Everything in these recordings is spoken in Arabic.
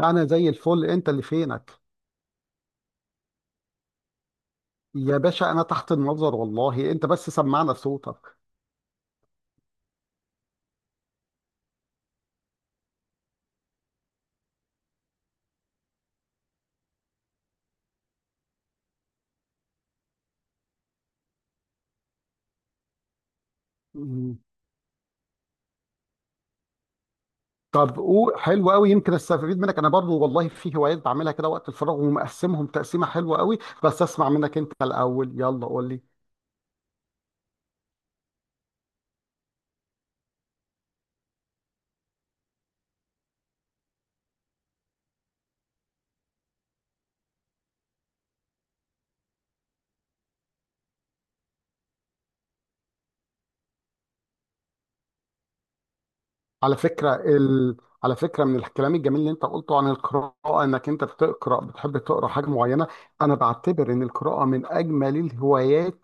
انا زي الفل، انت اللي فينك؟ يا باشا، انا تحت النظر والله، انت بس سمعنا صوتك. مم. طب قول، حلو قوي، يمكن استفيد منك انا برضو. والله في هوايات بعملها كده وقت الفراغ ومقسمهم تقسيمه حلوه قوي، بس اسمع منك انت الاول. يلا قول لي. على فكرة ال... على فكرة، من الكلام الجميل اللي انت قلته عن القراءة، انك انت بتقرأ بتحب تقرأ حاجة معينة، انا بعتبر ان القراءة من اجمل الهوايات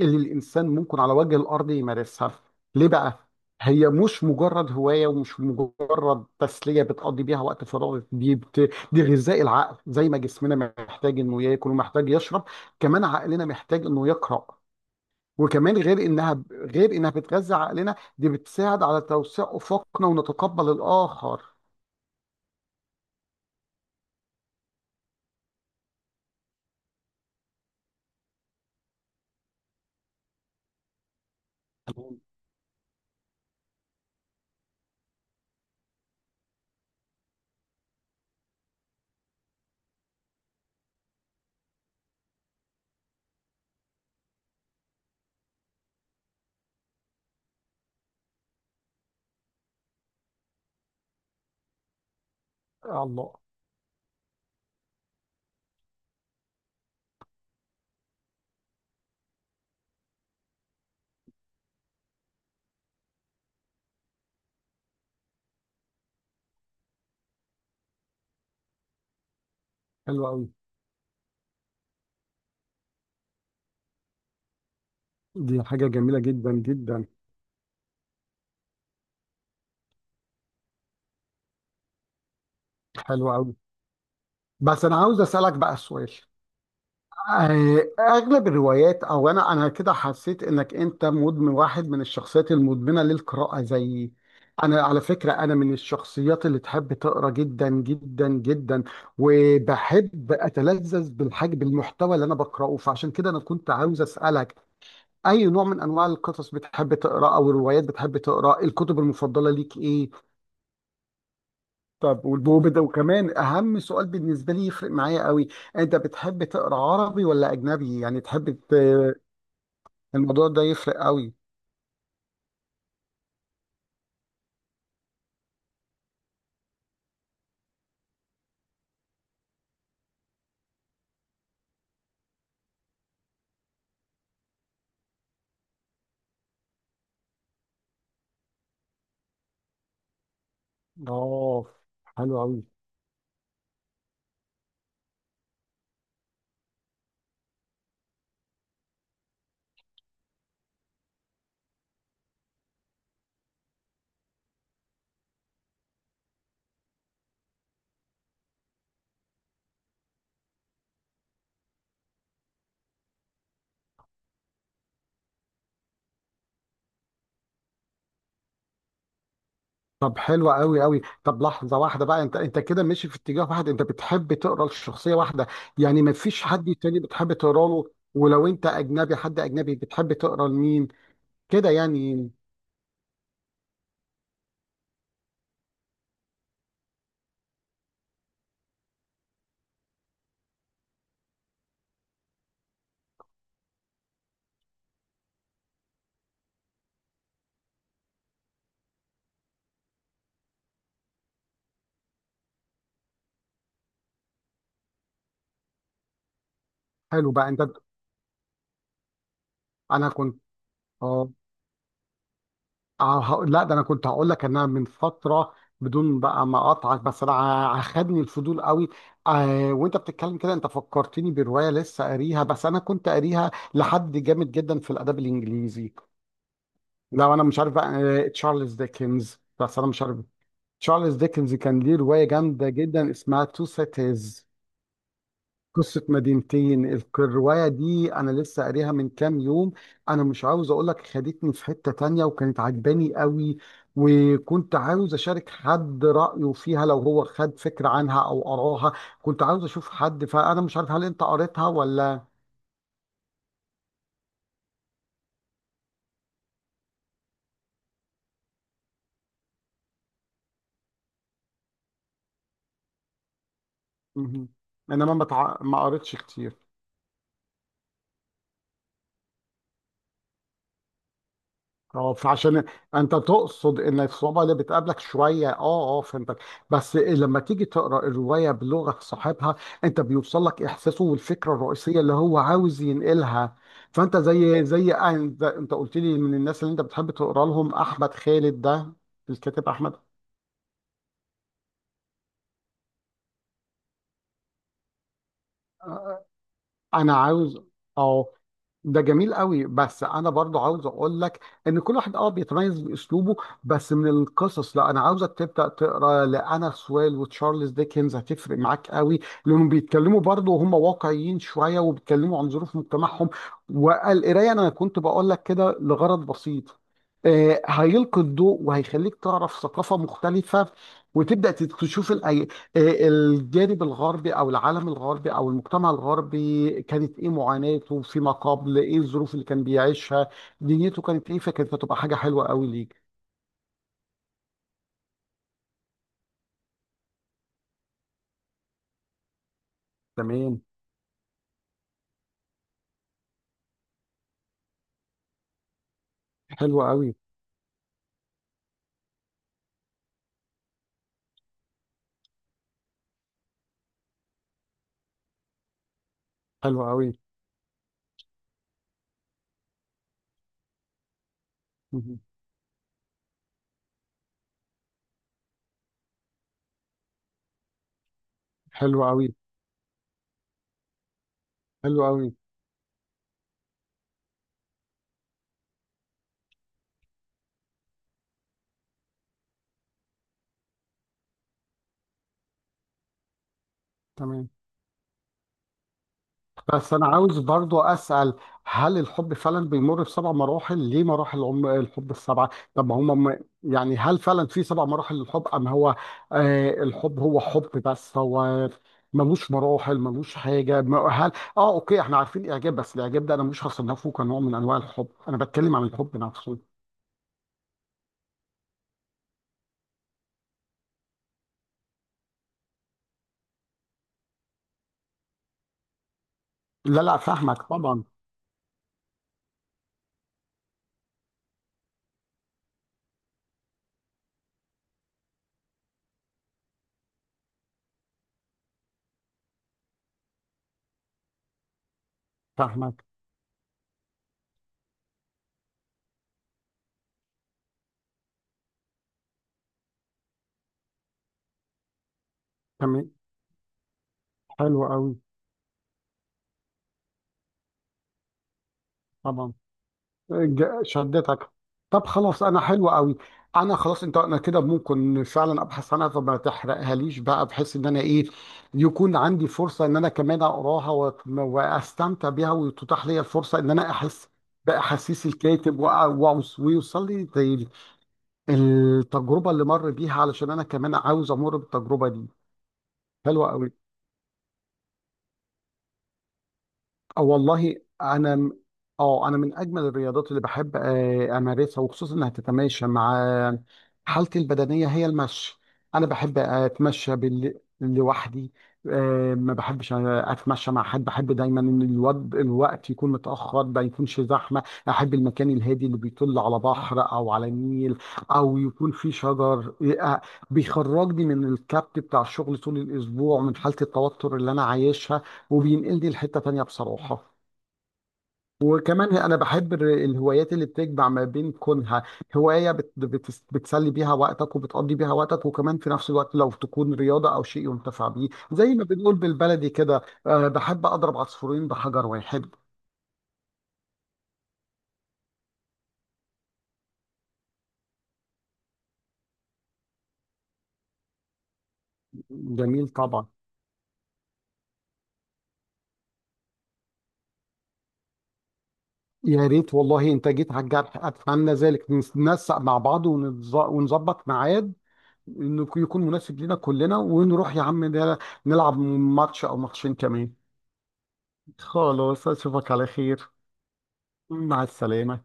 اللي الانسان ممكن على وجه الارض يمارسها. ليه بقى؟ هي مش مجرد هواية ومش مجرد تسلية بتقضي بيها وقت فراغك، دي غذاء العقل. زي ما جسمنا محتاج انه ياكل ومحتاج يشرب، كمان عقلنا محتاج انه يقرأ. وكمان، غير انها بتغذي عقلنا، دي بتساعد على توسيع افقنا ونتقبل الاخر. الله. حلو قوي. دي حاجه جميله جدا جدا. حلو قوي. بس انا عاوز اسالك بقى سؤال. اغلب الروايات، او انا كده حسيت انك انت مدمن، واحد من الشخصيات المدمنه للقراءه زيي. انا على فكره، انا من الشخصيات اللي تحب تقرا جدا جدا جدا، وبحب اتلذذ بالحاجه، بالمحتوى اللي انا بقراه. فعشان كده انا كنت عاوز اسالك، اي نوع من انواع القصص بتحب تقراه، او الروايات بتحب تقراه؟ الكتب المفضله ليك ايه؟ طب والبوبدا، وكمان اهم سؤال بالنسبه لي يفرق معايا قوي، انت بتحب تقرا عربي ولا اجنبي؟ يعني الموضوع ده يفرق قوي. اه، حلو قوي. طب حلو قوي قوي. طب لحظه واحده بقى، انت انت كده ماشي في اتجاه واحد، انت بتحب تقرا لشخصيه واحده؟ يعني ما فيش حد تاني بتحب تقرا له؟ ولو انت اجنبي، حد اجنبي بتحب تقرا لمين كده يعني؟ حلو بقى. انت انا كنت اه آه، هقول- لا، ده انا كنت هقول لك ان انا من فتره، بدون بقى ما اقطعك، بس خدني الفضول قوي. وانت بتتكلم كده، انت فكرتني بروايه لسه قاريها، بس انا كنت قاريها لحد جامد جدا في الادب الانجليزي، لو انا مش عارف بقى. تشارلز ديكنز، بس انا مش عارف. تشارلز ديكنز كان ليه روايه جامده جدا اسمها تو سيتيز، قصة مدينتين. الرواية دي أنا لسه قاريها من كام يوم. أنا مش عاوز أقول لك، خدتني في حتة تانية وكانت عجباني قوي، وكنت عاوز أشارك حد رأيه فيها لو هو خد فكرة عنها أو قراها. كنت عاوز أشوف حد، فأنا مش عارف هل أنت قريتها ولا. مهم. إنما ما قريتش كتير. اه فعشان، انت تقصد ان الصعوبه اللي بتقابلك شويه، اه اه فهمتك. بس لما تيجي تقرا الروايه بلغه صاحبها، انت بيوصل لك احساسه والفكره الرئيسيه اللي هو عاوز ينقلها. فانت زي انت قلت لي، من الناس اللي انت بتحب تقرا لهم احمد خالد ده، الكاتب احمد. آه، انا عاوز، اه، ده جميل قوي، بس انا برضو عاوز اقول لك ان كل واحد اه بيتميز باسلوبه. بس من القصص، لا، انا عاوزك تبدا تقرا لانا سويل وتشارلز ديكنز، هتفرق معاك قوي، لانهم بيتكلموا برضو وهم واقعيين شويه، وبيتكلموا عن ظروف مجتمعهم. والقرايه انا كنت بقول لك كده لغرض بسيط، هيلقي الضوء وهيخليك تعرف ثقافه مختلفه، وتبدا تشوف الجانب الغربي، او العالم الغربي، او المجتمع الغربي كانت ايه معاناته فيما قبل، ايه الظروف اللي كان بيعيشها، دنيته كانت ايه. فكانت هتبقى حاجه حلوه قوي ليك. تمام. حلوه قوي. حلوه قوي. مهم. حلوه قوي. حلوه قوي. تمام. بس انا عاوز برضو اسال، هل الحب فعلا بيمر بسبع مراحل؟ ليه مراحل؟ الحب السبعه، طب ما هم يعني هل فعلا في سبع مراحل للحب ام هو، الحب هو حب بس؟ هو ملوش مراحل، ملوش حاجه. هل، اه، اوكي، احنا عارفين الاعجاب، بس الاعجاب ده انا مش هصنفه كنوع من انواع الحب، انا بتكلم عن الحب نفسه. لا لا، فاهمك طبعا. فاهمك. تمام، حلو قوي. طبعا. شدتك. طب خلاص، انا حلو قوي، انا خلاص، انت، انا كده ممكن فعلا ابحث عنها، فما تحرقها ليش بقى، بحيث ان انا ايه، يكون عندي فرصه ان انا كمان اقراها واستمتع بيها، وتتاح لي الفرصه ان انا احس باحاسيس الكاتب، ويوصل لي زي التجربه اللي مر بيها، علشان انا كمان عاوز امر بالتجربه دي. حلوه قوي. أه والله. انا م- اه انا من اجمل الرياضات اللي بحب امارسها، وخصوصا انها تتماشى مع حالتي البدنيه، هي المشي. انا بحب اتمشى بال... لوحدي. ما بحبش اتمشى مع حد، بحب دايما ان الوقت يكون متاخر، ما يكونش زحمه. احب المكان الهادي، اللي بيطل على بحر او على نيل، او يكون فيه شجر. آه، بيخرجني من الكبت بتاع الشغل طول الاسبوع، من حاله التوتر اللي انا عايشها، وبينقلني لحتة تانية بصراحة. وكمان انا بحب الهوايات اللي بتجمع ما بين كونها هواية بت بتسلي بيها وقتك وبتقضي بيها وقتك، وكمان في نفس الوقت لو تكون رياضة او شيء ينتفع بيه، زي ما بنقول بالبلدي كده، بحب اضرب عصفورين بحجر واحد. جميل طبعا. يا ريت والله، انت جيت على الجرح، اتمنى ذلك. ننسق مع بعض ونظبط ميعاد انه يكون مناسب لنا كلنا، ونروح يا عم نلعب ماتش او ماتشين كمان. خلاص، اشوفك على خير. مع السلامة.